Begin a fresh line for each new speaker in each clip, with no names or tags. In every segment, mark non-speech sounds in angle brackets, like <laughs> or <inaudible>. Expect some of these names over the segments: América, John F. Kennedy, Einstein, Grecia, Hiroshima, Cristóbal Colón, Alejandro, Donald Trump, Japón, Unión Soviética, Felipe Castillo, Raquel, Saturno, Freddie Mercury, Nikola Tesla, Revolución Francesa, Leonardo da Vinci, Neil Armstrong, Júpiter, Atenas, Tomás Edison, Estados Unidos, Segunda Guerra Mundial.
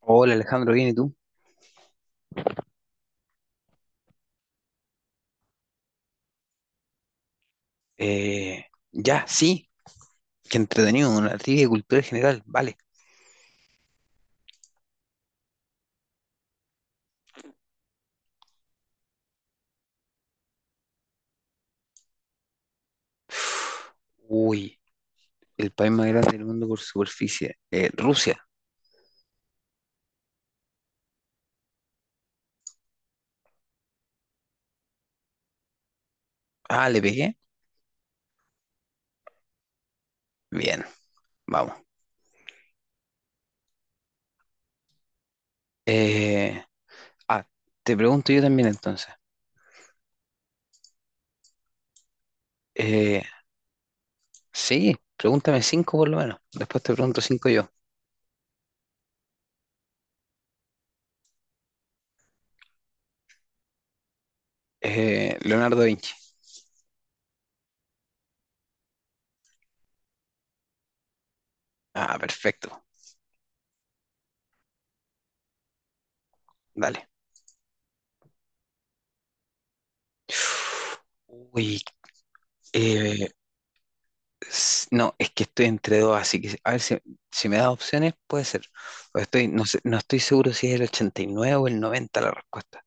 Hola Alejandro, ¿bien y tú? Eh, ya, sí, qué entretenido, una trivia de cultura general, vale. Uy, el país más grande del mundo por superficie. Rusia. Ah, le pegué. Bien, vamos. Eh, ah, Te pregunto yo también entonces. Eh, sí, pregúntame cinco por lo menos. Después te pregunto cinco yo. Leonardo da Vinci. Ah, perfecto. Dale. Uy, eh, No, es que estoy entre dos, así que a ver si, si me das opciones, puede ser. O estoy, no estoy seguro si es el 89 o el 90 la respuesta.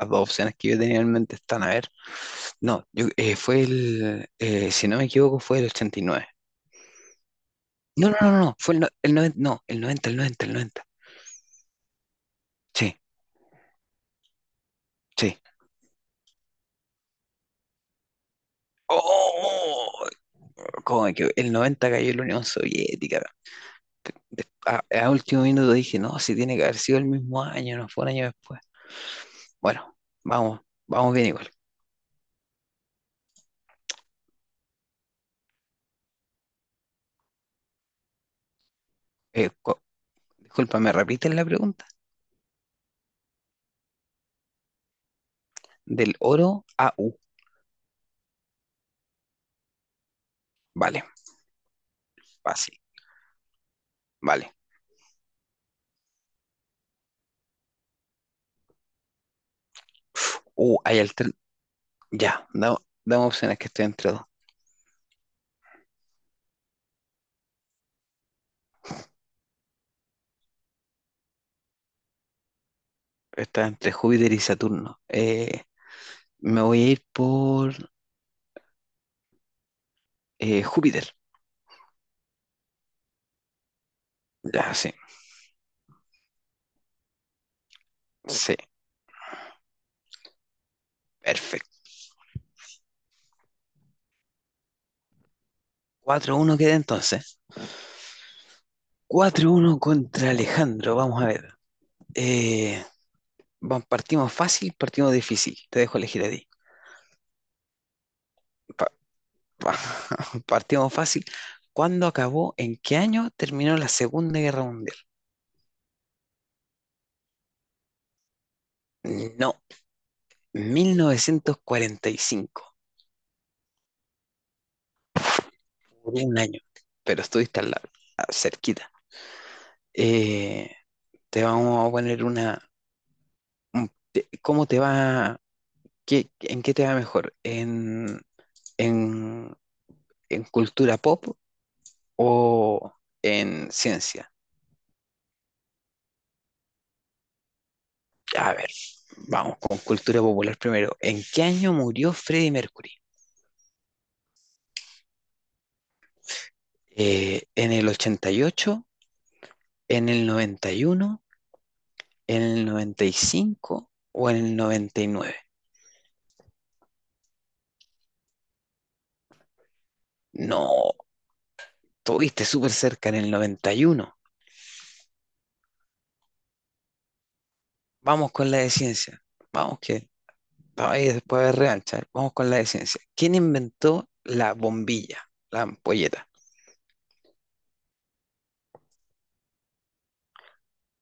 Las dos opciones que yo tenía en mente están, a ver. No, yo, fue el, si no me equivoco, fue el ochenta y nueve. No, no, no, no, no, fue el noventa no, el noventa. Sí, sí. ¡Oh! ¿Cómo me El 90 cayó la Unión Soviética. A último minuto dije, no, si tiene que haber sido el mismo año, no fue un año después. Bueno, vamos, vamos bien igual. Eh, co- Disculpa, ¿me repites la pregunta? Del oro a U. Vale, fácil. Vale. Uh, hay alter... Ya, damos opciones que estoy entre dos. Está entre Júpiter y Saturno. Me voy a ir por Júpiter. Ya, sí. Sí, perfecto. 4 uno queda entonces. 4 uno contra Alejandro. Vamos a ver. Eh, Partimos fácil, partimos difícil. Te dejo elegir a ti. <laughs> Partimos fácil. ¿Cuándo acabó? ¿En qué año terminó la Segunda Guerra Mundial? No, 1945. Por un año. Pero estuviste al lado, cerquita. Eh, Te vamos a poner una. ¿Cómo te va? ¿En qué te va mejor? En, en cultura pop o en ciencia? A ver, vamos con cultura popular primero. ¿En qué año murió Freddie Mercury? ¿En el 88, en el 91, en el 95 o en el noventa y nueve? No, tuviste súper cerca en el 91. Vamos con la de ciencia. Vamos que ahí después de revancha. Vamos con la de ciencia. ¿Quién inventó la bombilla, la ampolleta?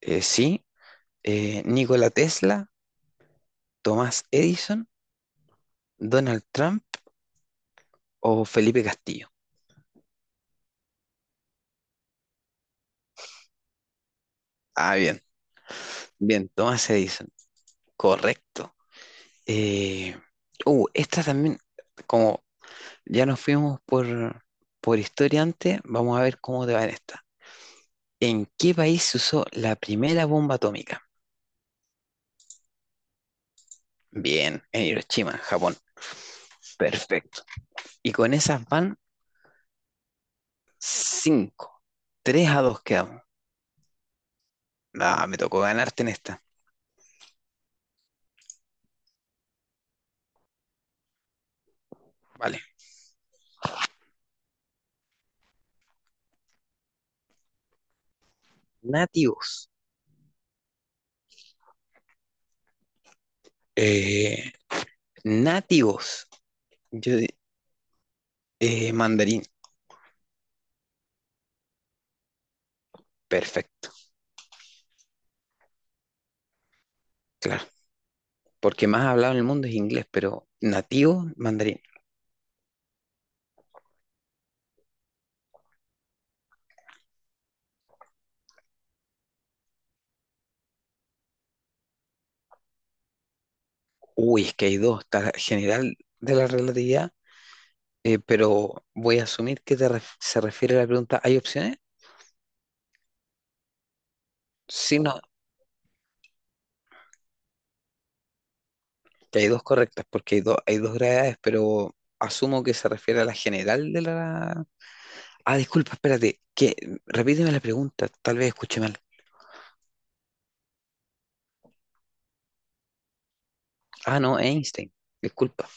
Eh, sí, Nikola Tesla, Tomás Edison, Donald Trump o Felipe Castillo. Ah, bien, bien, Tomás Edison. Correcto. Eh, Esta también, como ya nos fuimos por historia antes, vamos a ver cómo te va en esta. ¿En qué país se usó la primera bomba atómica? Bien, en Hiroshima, en Japón. Perfecto. Y con esas van 5. 3 a 2 quedamos. Ah, me tocó ganarte en esta. Vale. Nativos. Eh, Nativos. Yo, di- Mandarín. Perfecto, claro. Porque más hablado en el mundo es inglés, pero nativo, mandarín. Uy, es que hay dos, está la general de la relatividad, pero voy a asumir que se refiere a la pregunta, ¿hay opciones? Sí, no, que hay dos correctas, porque hay dos gravedades, pero asumo que se refiere a la general de la... Ah, disculpa, espérate, que repíteme la pregunta, tal vez escuché mal. Ah, no, Einstein, disculpa.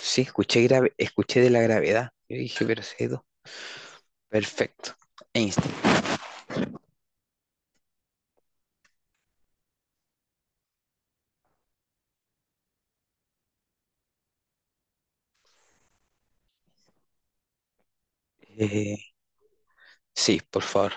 Sí, escuché grave, escuché de la gravedad. Yo dije, pero si hay dos. Perfecto, Einstein. Eh, sí, por favor,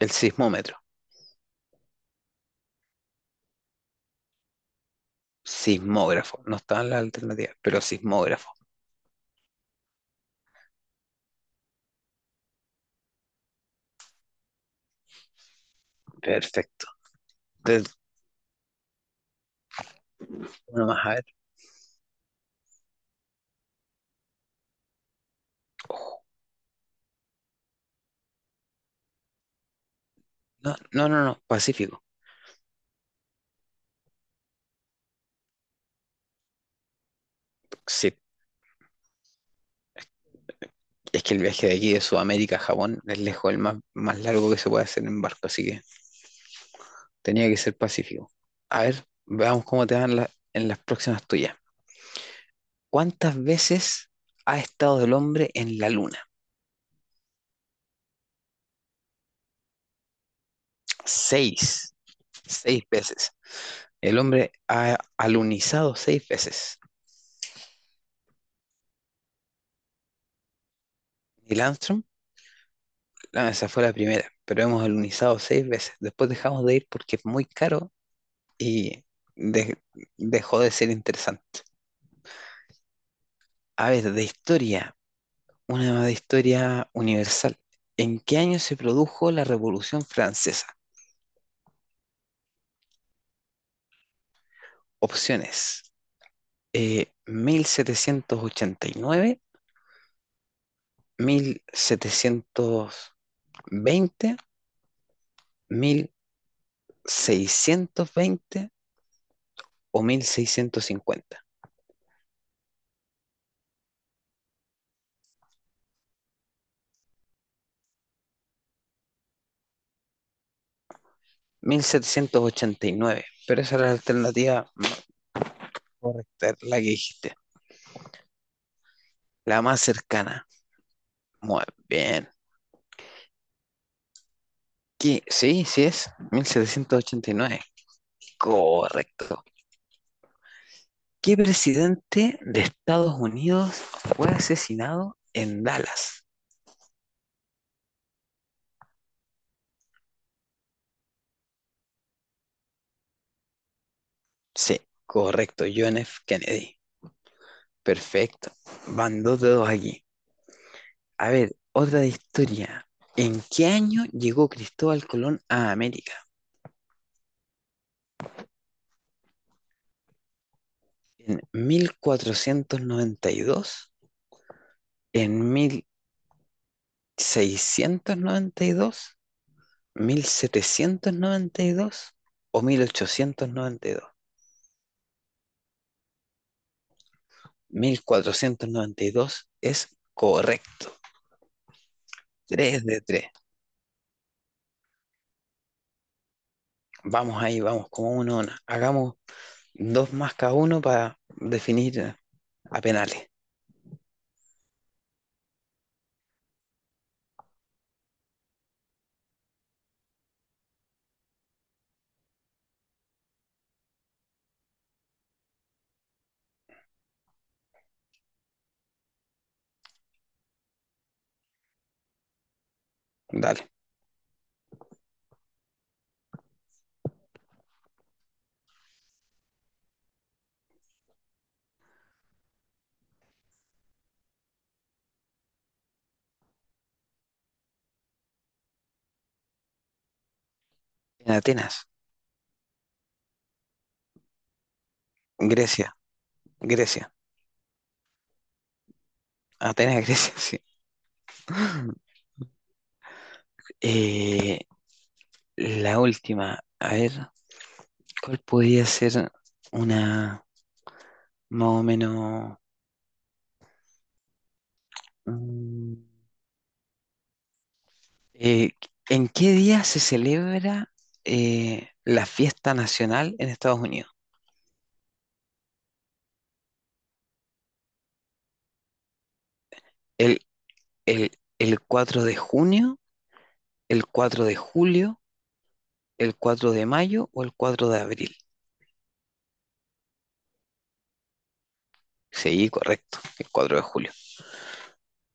el sismómetro. Sismógrafo. No estaba en la alternativa pero sismógrafo. Perfecto. Entonces, uno más a ver. No, no, no, no, Pacífico. Sí, es que el viaje de aquí de Sudamérica a Japón es lejos el más, más largo que se puede hacer en barco, así que tenía que ser Pacífico. A ver, veamos cómo te van en las próximas tuyas. ¿Cuántas veces ha estado el hombre en la luna? Seis. Seis veces. El hombre ha alunizado seis veces. Neil Armstrong. No, esa fue la primera, pero hemos alunizado seis veces. Después dejamos de ir porque es muy caro y de- dejó de ser interesante. A ver, de historia, una de historia universal. ¿En qué año se produjo la Revolución Francesa? Opciones: mil setecientos ochenta y nueve, mil setecientos veinte, mil seiscientos veinte o mil seiscientos cincuenta. Mil setecientos ochenta y nueve. Pero esa era la alternativa correcta, la que dijiste, la más cercana. Muy bien. ¿Qué? Sí, sí es, mil setecientos ochenta y nueve. Correcto. ¿Qué presidente de Estados Unidos fue asesinado en Dallas? Sí, correcto, John F. Kennedy. Perfecto. Van dos dedos aquí. A ver, otra de historia. ¿En qué año llegó Cristóbal Colón a América? ¿En 1492, en mil seiscientos noventa y dos, 1792 o mil ochocientos noventa y dos? Mil cuatrocientos noventa y dos es correcto. Tres de tres. Vamos ahí, vamos, como uno, a una. Hagamos dos más cada uno para definir a penales. Dale. En Atenas, Grecia, Grecia. Atenas, <laughs> Grecia, sí. Eh, la última, a ver, ¿cuál podría ser una más o menos... mm, Eh, ¿en qué día se celebra la fiesta nacional en Estados Unidos? ¿El, el, el 4 de junio, el 4 de julio, el 4 de mayo o el 4 de abril? Sí, correcto, el 4 de julio.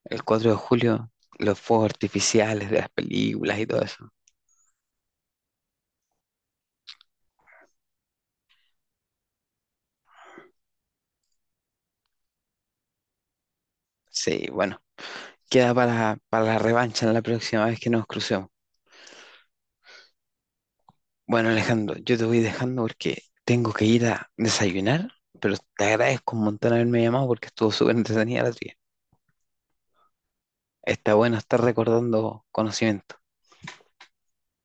El cuatro de julio, los fuegos artificiales de las películas y todo eso. Sí, bueno, queda para la revancha en la próxima vez que nos crucemos. Bueno, Alejandro, yo te voy dejando porque tengo que ir a desayunar, pero te agradezco un montón haberme llamado porque estuvo súper entretenida la trivia. Está bueno estar recordando conocimientos.